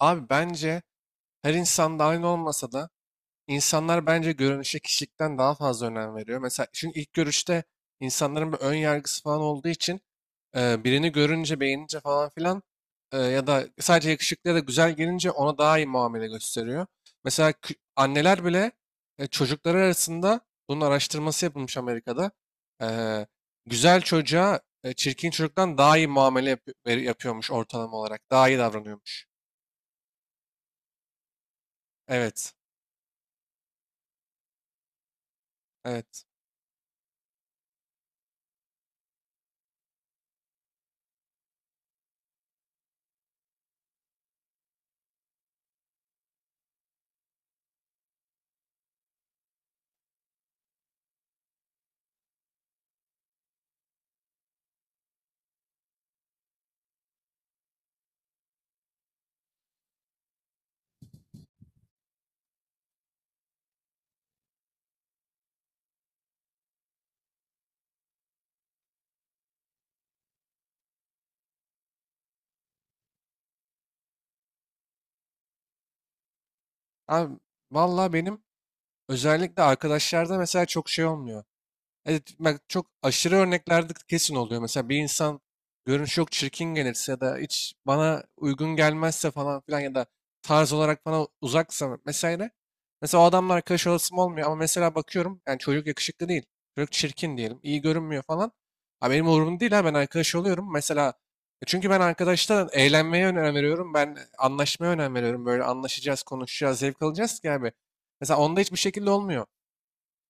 Abi bence her insan da aynı olmasa da insanlar bence görünüşe kişilikten daha fazla önem veriyor. Mesela çünkü ilk görüşte insanların bir ön yargısı falan olduğu için birini görünce beğenince falan filan ya da sadece yakışıklı ya da güzel gelince ona daha iyi muamele gösteriyor. Mesela anneler bile çocukları arasında bunun araştırması yapılmış Amerika'da. E, Güzel çocuğa çirkin çocuktan daha iyi muamele yapıyormuş ortalama olarak. Daha iyi davranıyormuş. Evet. Evet. Abi valla benim özellikle arkadaşlarda mesela çok şey olmuyor. Evet, bak çok aşırı örneklerde kesin oluyor. Mesela bir insan görünüş çok çirkin gelirse ya da hiç bana uygun gelmezse falan filan ya da tarz olarak bana uzaksa mesela mesela o adamla arkadaş olasım olmuyor ama mesela bakıyorum yani çocuk yakışıklı değil. Çocuk çirkin diyelim. İyi görünmüyor falan. Ha, benim umurumda değil ha ben arkadaş oluyorum. Mesela çünkü ben arkadaşta eğlenmeye önem veriyorum. Ben anlaşmaya önem veriyorum. Böyle anlaşacağız, konuşacağız, zevk alacağız ki abi. Mesela onda hiçbir şekilde olmuyor.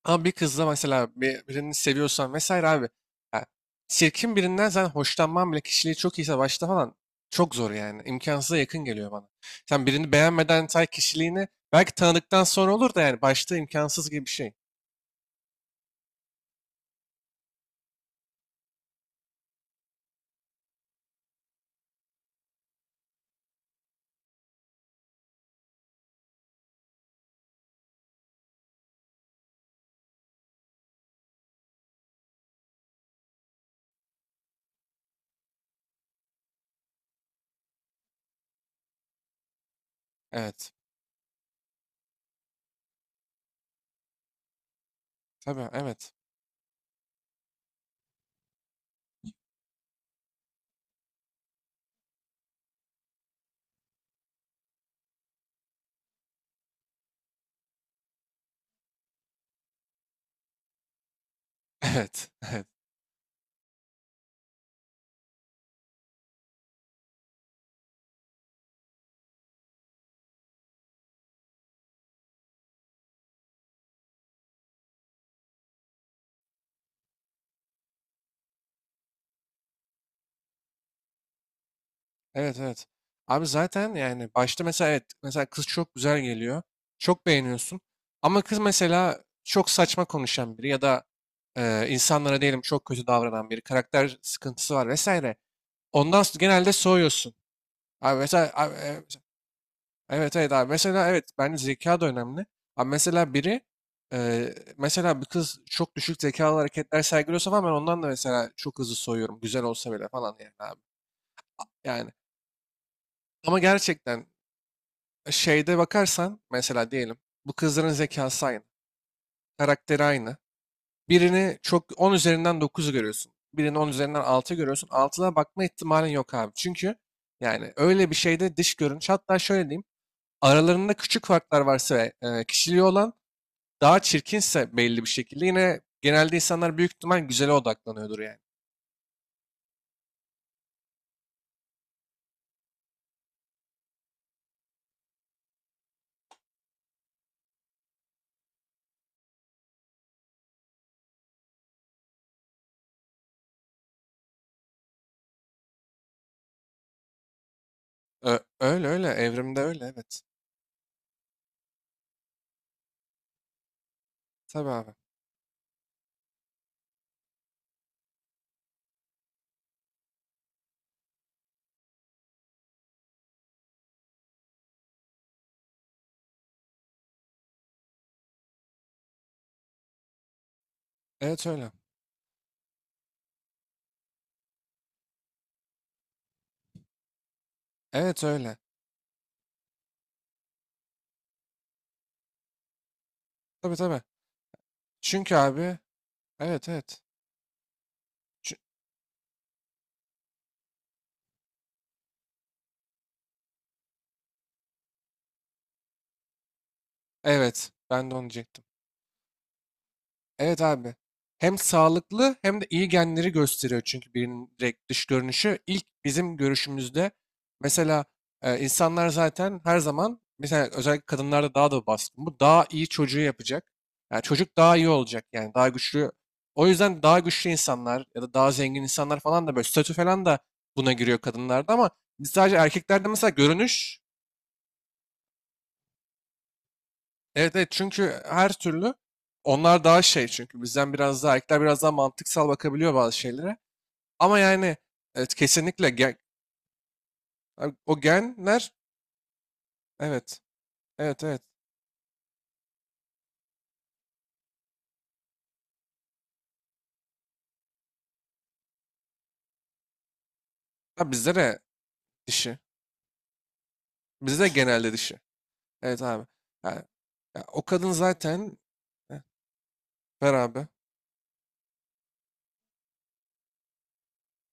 Ama bir kızla mesela birini seviyorsan vesaire abi. Ya çirkin birinden sen hoşlanman bile kişiliği çok iyiyse başta falan çok zor yani. İmkansıza yakın geliyor bana. Sen birini beğenmeden say kişiliğini, belki tanıdıktan sonra olur da yani başta imkansız gibi bir şey. Evet. Tabii evet. Evet. Evet. Evet, evet. Abi zaten yani başta mesela evet mesela kız çok güzel geliyor. Çok beğeniyorsun. Ama kız mesela çok saçma konuşan biri ya da insanlara diyelim çok kötü davranan biri. Karakter sıkıntısı var vesaire. Ondan genelde soğuyorsun. Abi mesela abi, e, evet evet abi mesela evet bence zeka da önemli. Abi mesela biri mesela bir kız çok düşük zekalı hareketler sergiliyorsa falan ben ondan da mesela çok hızlı soğuyorum. Güzel olsa bile falan yani abi. Yani ama gerçekten şeyde bakarsan mesela diyelim bu kızların zekası aynı, karakteri aynı. Birini çok 10 üzerinden dokuzu görüyorsun. Birini 10 üzerinden 6 görüyorsun. 6'da bakma ihtimalin yok abi. Çünkü yani öyle bir şeyde dış görünüş hatta şöyle diyeyim aralarında küçük farklar varsa ve kişiliği olan daha çirkinse belli bir şekilde yine genelde insanlar büyük ihtimal güzele odaklanıyordur yani. Öyle öyle evrimde öyle evet. Tabii abi. Evet öyle. Evet öyle. Tabii tabii. Çünkü abi evet evet. Evet, ben de onu diyecektim. Evet abi. Hem sağlıklı hem de iyi genleri gösteriyor çünkü birinin direkt dış görünüşü. İlk bizim görüşümüzde mesela insanlar zaten her zaman mesela özellikle kadınlarda daha da baskın. Bu daha iyi çocuğu yapacak. Yani çocuk daha iyi olacak yani daha güçlü. O yüzden daha güçlü insanlar ya da daha zengin insanlar falan da böyle statü falan da buna giriyor kadınlarda ama biz sadece erkeklerde mesela görünüş. Evet evet çünkü her türlü onlar daha şey çünkü bizden biraz daha erkekler biraz daha mantıksal bakabiliyor bazı şeylere. Ama yani evet, abi o genler evet evet evet. Abi bizde de dişi. Bizde de genelde dişi. Evet abi. Yani, ya o kadın zaten. Heh, ver abi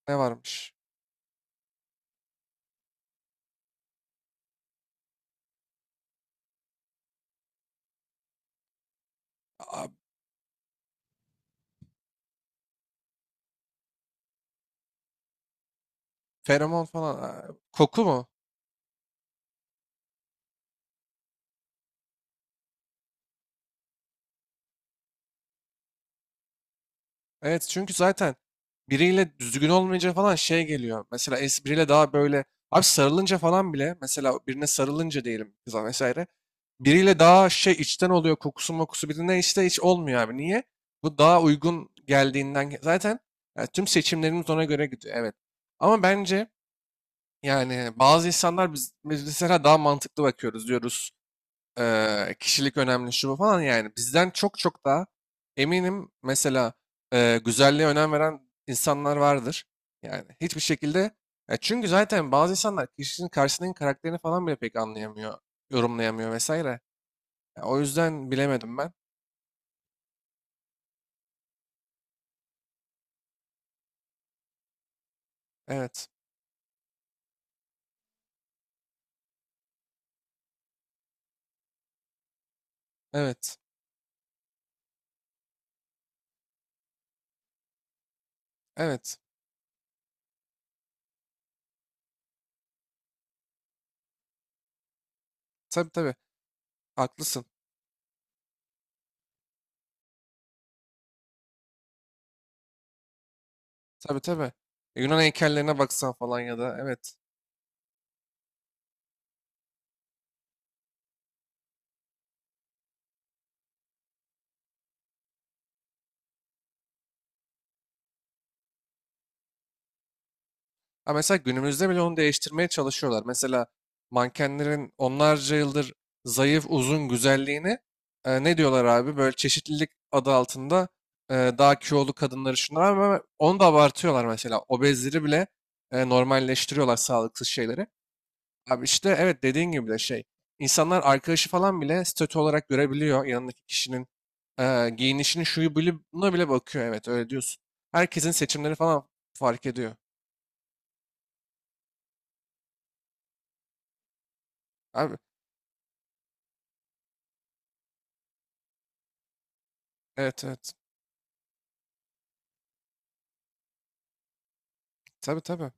ne varmış? Aa, feromon falan. Aa, koku mu? Evet çünkü zaten biriyle düzgün olmayınca falan şey geliyor. Mesela biriyle daha böyle abi sarılınca falan bile mesela birine sarılınca diyelim kıza vesaire. Biriyle daha şey içten oluyor kokusu mokusu birine işte hiç olmuyor abi. Niye? Bu daha uygun geldiğinden zaten yani tüm seçimlerimiz ona göre gidiyor evet. Ama bence yani bazı insanlar biz mesela daha mantıklı bakıyoruz diyoruz. Kişilik önemli şu bu falan yani bizden çok çok daha eminim mesela güzelliğe önem veren insanlar vardır. Yani hiçbir şekilde, ya çünkü zaten bazı insanlar kişinin karşısındaki karakterini falan bile pek anlayamıyor, yorumlayamıyor vesaire. Ya o yüzden bilemedim ben. Evet. Evet. Evet. Tabii tabii. Haklısın. Tabii tabii. Yunan heykellerine baksan falan ya da evet. Ha mesela günümüzde bile onu değiştirmeye çalışıyorlar. Mesela mankenlerin onlarca yıldır zayıf, uzun güzelliğini ne diyorlar abi? Böyle çeşitlilik adı altında daha kilolu kadınları şunlar ama onu da abartıyorlar mesela. Obezleri bile normalleştiriyorlar sağlıksız şeyleri. Abi işte evet dediğin gibi de şey. İnsanlar arkadaşı falan bile statü olarak görebiliyor. Yanındaki kişinin giyinişini şuyu bile buna bile bakıyor. Evet öyle diyorsun. Herkesin seçimleri falan fark ediyor. Abi evet evet. Tabii tabii.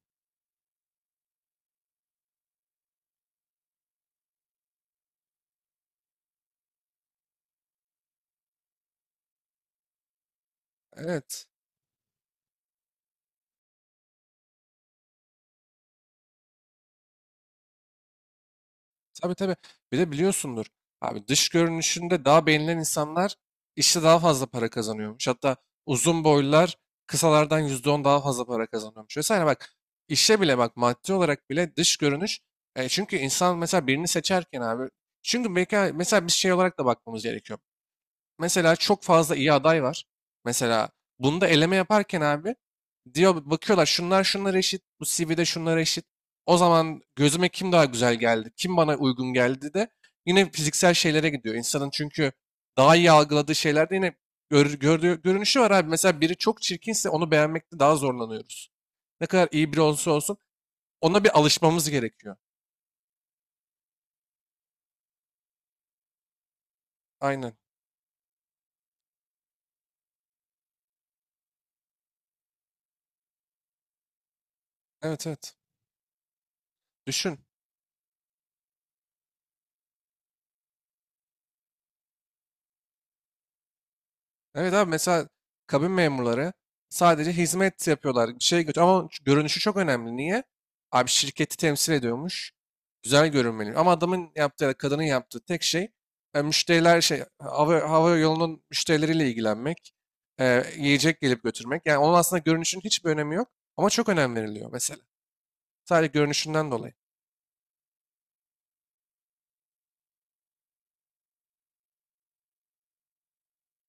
Evet. Tabii tabii. Bir de biliyorsundur. Abi dış görünüşünde daha beğenilen insanlar işte daha fazla para kazanıyormuş. Hatta uzun boylular kısalardan %10 daha fazla para kazanıyormuş. Vesaire bak işe bile bak maddi olarak bile dış görünüş. Çünkü insan mesela birini seçerken abi. Çünkü belki mesela bir şey olarak da bakmamız gerekiyor. Mesela çok fazla iyi aday var. Mesela bunda eleme yaparken abi diyor bakıyorlar şunlar şunlar eşit, bu CV'de şunlar eşit. O zaman gözüme kim daha güzel geldi, kim bana uygun geldi de yine fiziksel şeylere gidiyor. İnsanın çünkü daha iyi algıladığı şeylerde yine görünüşü var abi. Mesela biri çok çirkinse onu beğenmekte daha zorlanıyoruz. Ne kadar iyi biri olsa olsun ona bir alışmamız gerekiyor. Aynen. Evet evet. Düşün. Evet abi mesela kabin memurları sadece hizmet yapıyorlar. Bir şey götür ama şu görünüşü çok önemli. Niye? Abi şirketi temsil ediyormuş. Güzel görünmeli. Ama adamın yaptığı, ya da kadının yaptığı tek şey müşteriler şey hava yolunun müşterileriyle ilgilenmek, yiyecek gelip götürmek. Yani onun aslında görünüşün hiçbir önemi yok ama çok önem veriliyor mesela. Sadece görünüşünden dolayı.